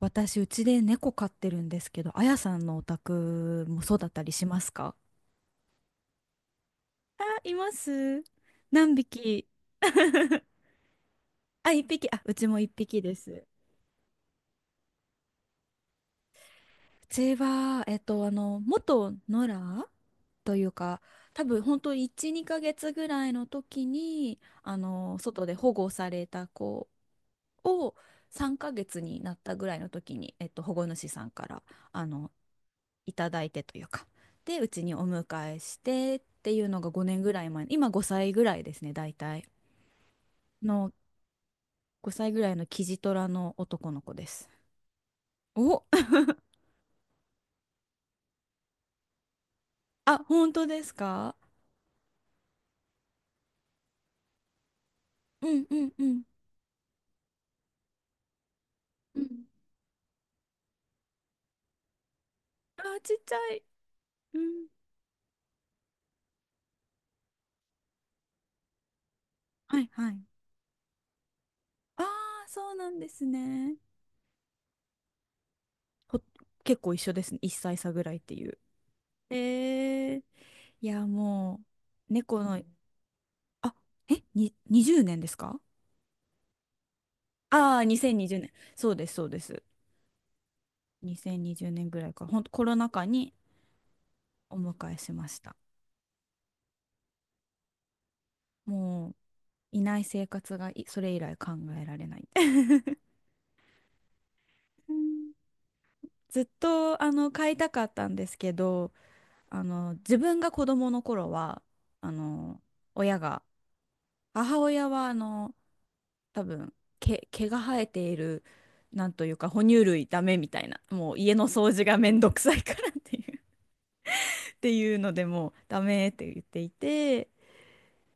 私、うちで猫飼ってるんですけど、あやさんのお宅もそうだったりしますか？あ、います。何匹？あ、一匹。あ、うちも一匹です。うちは、元野良というか、多分本当1、2ヶ月ぐらいの時に、外で保護された子を3ヶ月になったぐらいの時に、保護主さんから、あの、いただいてというか、でうちにお迎えしてっていうのが5年ぐらい前。今5歳ぐらいですね、大体の5歳ぐらいのキジトラの男の子です。お。 あ、本当ですか？うんうんうん、うん。あーちっちゃい、うん。はいはい、あーそうなんですね。ほ結構一緒ですね、1歳差ぐらいっていう。えー、いやもう猫の、あに20年ですか？ああー、2020年、そうですそうです。2020年ぐらいから、ほんとコロナ禍にお迎えしました。もう、いない生活が、それ以来考えられない。ずっと買いたかったんですけど、自分が子どもの頃は、あの親が、母親は多分、毛が生えている、なんというか哺乳類ダメみたいな、もう家の掃除がめんどくさいからっていう っていうのでもうダメって言っていて、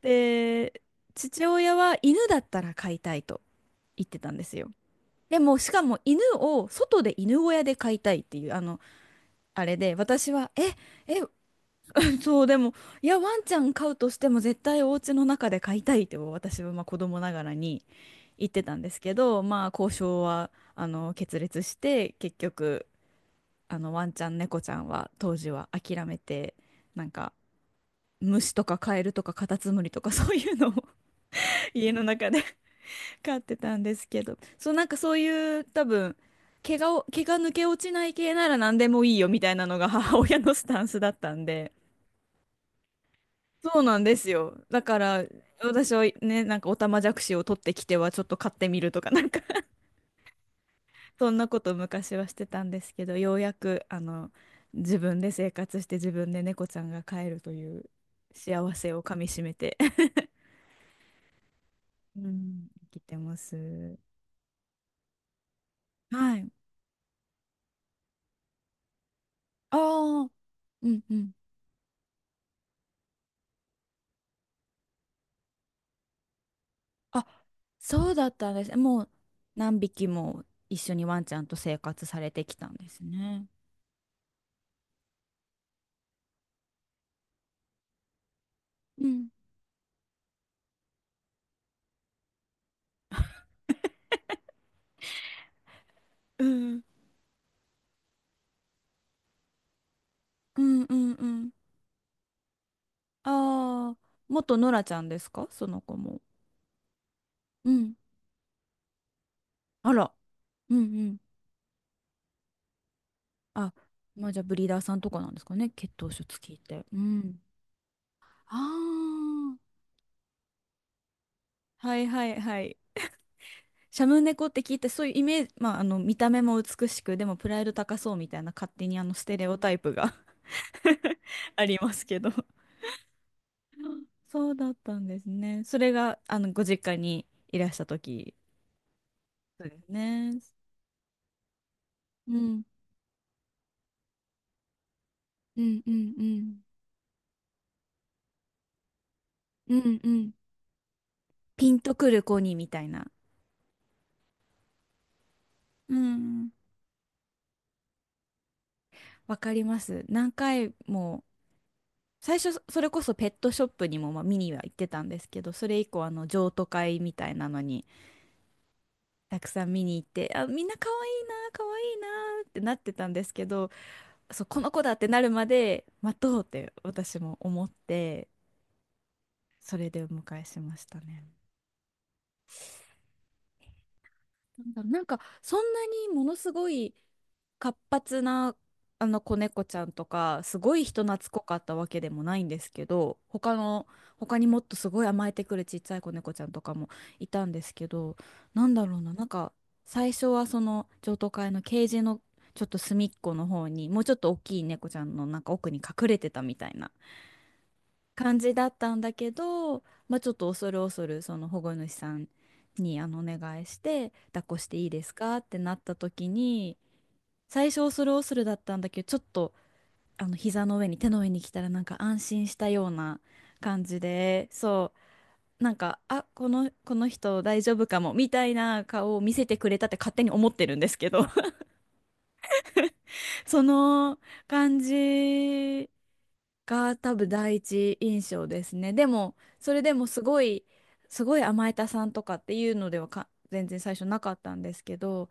で、父親は犬だったら飼いたいと言ってたんですよ。でも、しかも犬を、外で犬小屋で飼いたいっていう、あれで、私は、え、そう、でも、いや、ワンちゃん飼うとしても絶対お家の中で飼いたいって、私はまあ子供ながらに言ってたんですけど、まあ、交渉は、決裂して、結局、ワンちゃん、猫ちゃんは当時は諦めて、なんか、虫とかカエルとかカタツムリとかそういうのを 家の中で飼ってたんですけど、そう、なんかそういう多分、毛が抜け落ちない系なら何でもいいよみたいなのが母親のスタンスだったんで、そうなんですよ。だから、私はね、なんかオタマジャクシを取ってきてはちょっと飼ってみるとかなんか そんなことを昔はしてたんですけど、ようやく自分で生活して自分で猫ちゃんが飼えるという幸せをかみしめて うん、生きてます。はい。ああ、うんうん。あ、そうだったんです。もう何匹も一緒にワンちゃんと生活されてきたんですね。うん。うん。うんうんうん。ああ、元ノラちゃんですか、その子も。うん。あら。うんうん。あ、まあじゃあブリーダーさんとかなんですかね、血統書付きって。うん。ああ、はいはいはい。シャム猫って聞いて、そういうイメージ、まあ、見た目も美しく、でもプライド高そうみたいな、勝手にステレオタイプが ありますけど、そうだったんですね。それが、ご実家にいらした時。そうですね。うん、うん、うん、うん、うん、うん。ピンとくる子にみたいな。うんうん。わかります。何回も、最初、それこそペットショップにも、まあ、見には行ってたんですけど、それ以降、譲渡会みたいなのに、たくさん見に行って、あ、みんな可愛いな、可愛いなってなってたんですけど、そう、この子だってなるまで待とうって、私も思って、それでお迎えしましたね。なんだろう、なんかそんなにものすごい活発なあの子猫ちゃんとかすごい人懐っこかったわけでもないんですけど、他にもっとすごい甘えてくるちっちゃい子猫ちゃんとかもいたんですけど、なんだろうな、なんか、最初はその譲渡会のケージのちょっと隅っこの方に、もうちょっと大きい猫ちゃんのなんか奥に隠れてたみたいな感じだったんだけど、まあ、ちょっと恐る恐るその保護主さんにお願いして、抱っこしていいですかってなった時に、最初恐る恐るだったんだけど、ちょっと膝の上に、手の上に来たら、なんか安心したような感じで、そう、なんか、この人大丈夫かもみたいな顔を見せてくれたって勝手に思ってるんですけど その感じが多分第一印象ですね。でも、それでもすごい、すごい甘えたさんとかっていうのではか全然最初なかったんですけど、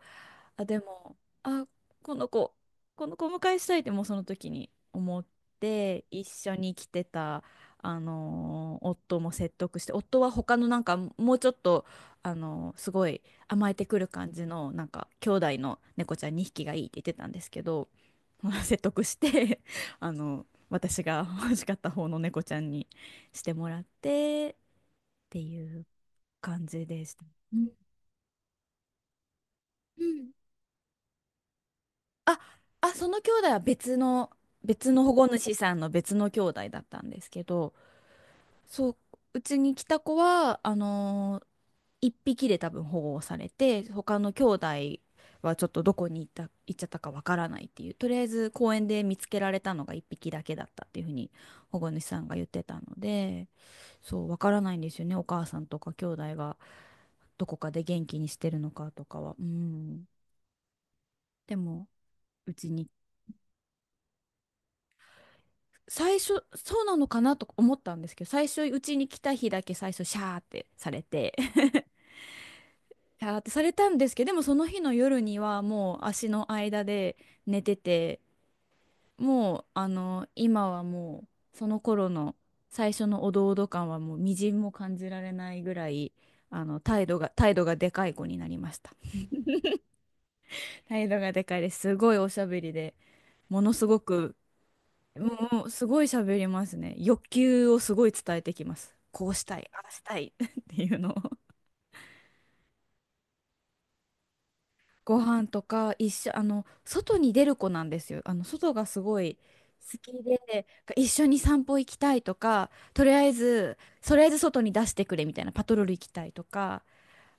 あ、でも、あ、この子、この子をお迎えしたいって、もうその時に思って、一緒に来てた、夫も説得して、夫は他のなんかもうちょっと、すごい甘えてくる感じの、なんか兄弟の猫ちゃん2匹がいいって言ってたんですけど、説得して 私が欲しかった方の猫ちゃんにしてもらってっていう感じでした。うんうん、あ、あ、その兄弟は別の保護主さんの別の兄弟だったんですけど。そう、うちに来た子は、一匹で多分保護をされて、他の兄弟はちょっと、どこに行った、行っちゃったかわからないっていう、とりあえず公園で見つけられたのが一匹だけだったっていうふうに保護主さんが言ってたので、そう、わからないんですよね、お母さんとか兄弟がどこかで元気にしてるのかとかは。うん。でも、うちに、最初、そうなのかなと思ったんですけど、最初、うちに来た日だけ最初、シャーってされて、あーってされたんですけど、でもその日の夜にはもう足の間で寝てて、もう今は、もうその頃の最初のおどおど感はもうみじんも感じられないぐらい、態度がでかい子になりました。態度がでかいです。すごいおしゃべりで、ものすごく、もうすごい喋りますね。欲求をすごい伝えてきます。こうしたい、ああしたい っていうのを、ご飯とか一緒、外に出る子なんですよ。外がすごい好きで、一緒に散歩行きたいとか、とりあえず外に出してくれみたいな、パトロール行きたいとか、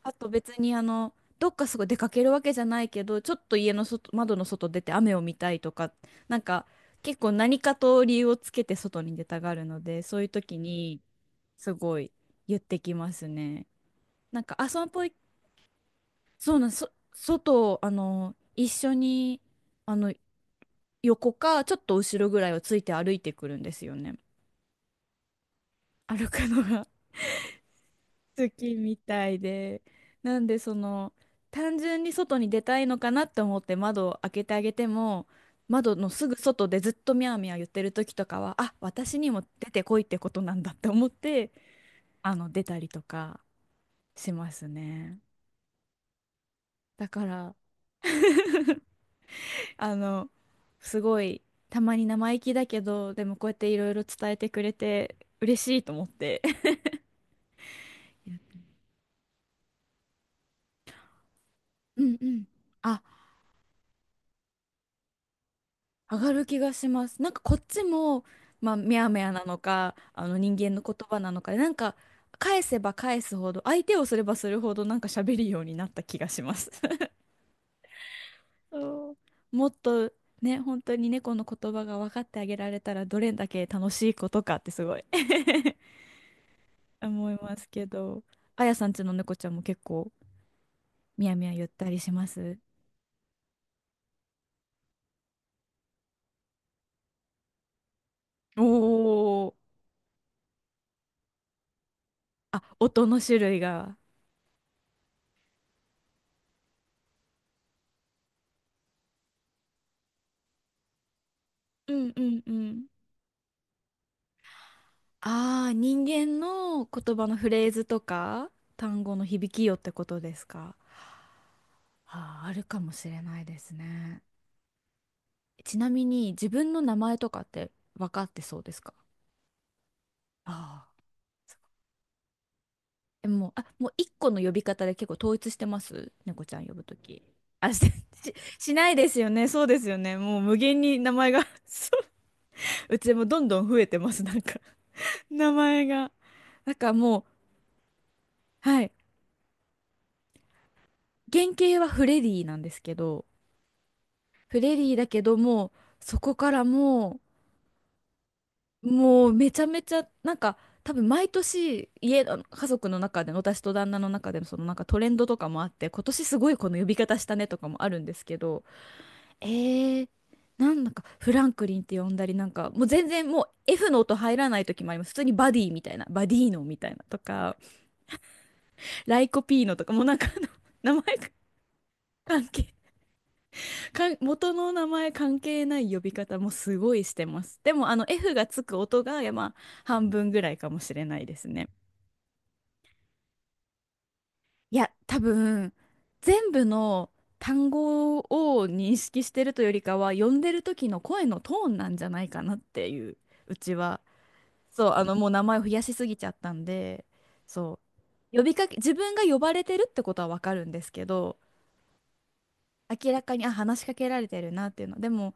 あと別にどっかすごい出かけるわけじゃないけど、ちょっと家の外、窓の外出て雨を見たいとか、なんか結構何かと理由をつけて外に出たがるので、そういう時にすごい言ってきますね。なんか、あ、散歩行そうなん、外、一緒に、あの、横か、ちょっと後ろぐらいをついて歩いてくるんですよね。歩くのが 好きみたいで。なんで、単純に外に出たいのかなって思って窓を開けてあげても、窓のすぐ外でずっとミャーミャー言ってる時とかは、あ、私にも出てこいってことなんだって思って、出たりとかしますね。だから、あの、すごい、たまに生意気だけど、でもこうやっていろいろ伝えてくれて、嬉しいと思って。うんうん。あ、上がる気がします。なんかこっちも、まあ、めやめやなのか、あの人間の言葉なのかで、なんか、返せば返すほど、相手をすればするほど、なんか喋るようになった気がします。そう、もっと、ね、本当に猫の言葉が分かってあげられたら、どれだけ楽しいことかってすごい 思いますけど、あやさんちの猫ちゃんも結構みやみや言ったりします？おお。あ、音の種類が。うんうんうん。ああ、人間の言葉のフレーズとか単語の響きよってことですか？ああ、あるかもしれないですね。ちなみに自分の名前とかって分かってそうですか？ああー、え、もう、あ、もう一個の呼び方で結構統一してます？猫ちゃん呼ぶとき。あ、して、し、しないですよね。そうですよね。もう無限に名前が そう。うちもどんどん増えてます。なんか 名前が。なんかもう、はい。原型はフレディなんですけど、フレディだけども、そこからもう、もうめちゃめちゃ、なんか、多分毎年家の家族の中での私と旦那の中でのそのなんかトレンドとかもあって、今年すごいこの呼び方したねとかもあるんですけど、えー、なんだかフランクリンって呼んだり、なんかもう全然もう F の音入らない時もあります。普通にバディみたいな、バディーノみたいなとか、ライコピーノとか、もうなんかあの 名前が、関係かん元の名前関係ない呼び方もすごいしてます。でもあの F がつく音が、いや、まあ半分ぐらいかもしれないですね。いや、多分全部の単語を認識してるというよりかは、呼んでる時の声のトーンなんじゃないかなっていう、うちは。そう、あの、もう名前を増やしすぎちゃったんで、そう、呼びかけ、自分が呼ばれてるってことはわかるんですけど、明らかに、あ、話しかけられてるなっていうの。でも、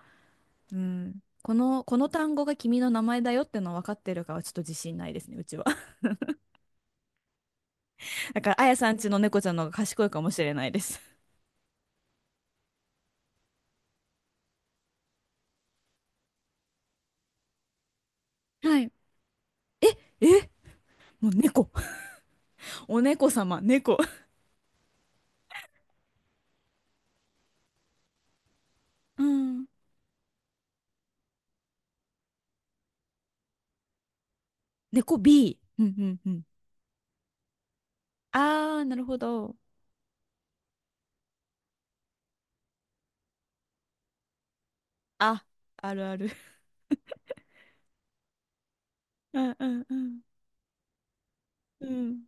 うん、この単語が君の名前だよってのは分かってるかはちょっと自信ないですね、うちは。だから、あやさんちの猫ちゃんの方が賢いかもしれないです。はい。え、もう猫。お猫様、猫。うん。猫 B。うんうんうん。あー、なるほど。あ、あるある。うんうんうん。うん。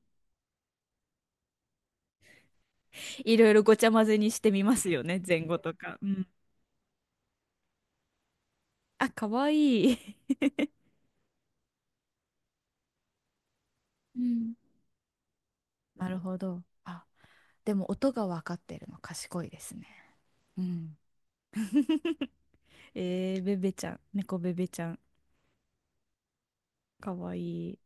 いろいろごちゃ混ぜにしてみますよね、前後とか。うん。あ、かわいい。うん。なるほど。あ、でも音が分かってるの賢いですね。うん。えー、ベベちゃん、猫ベベちゃん、かわいい。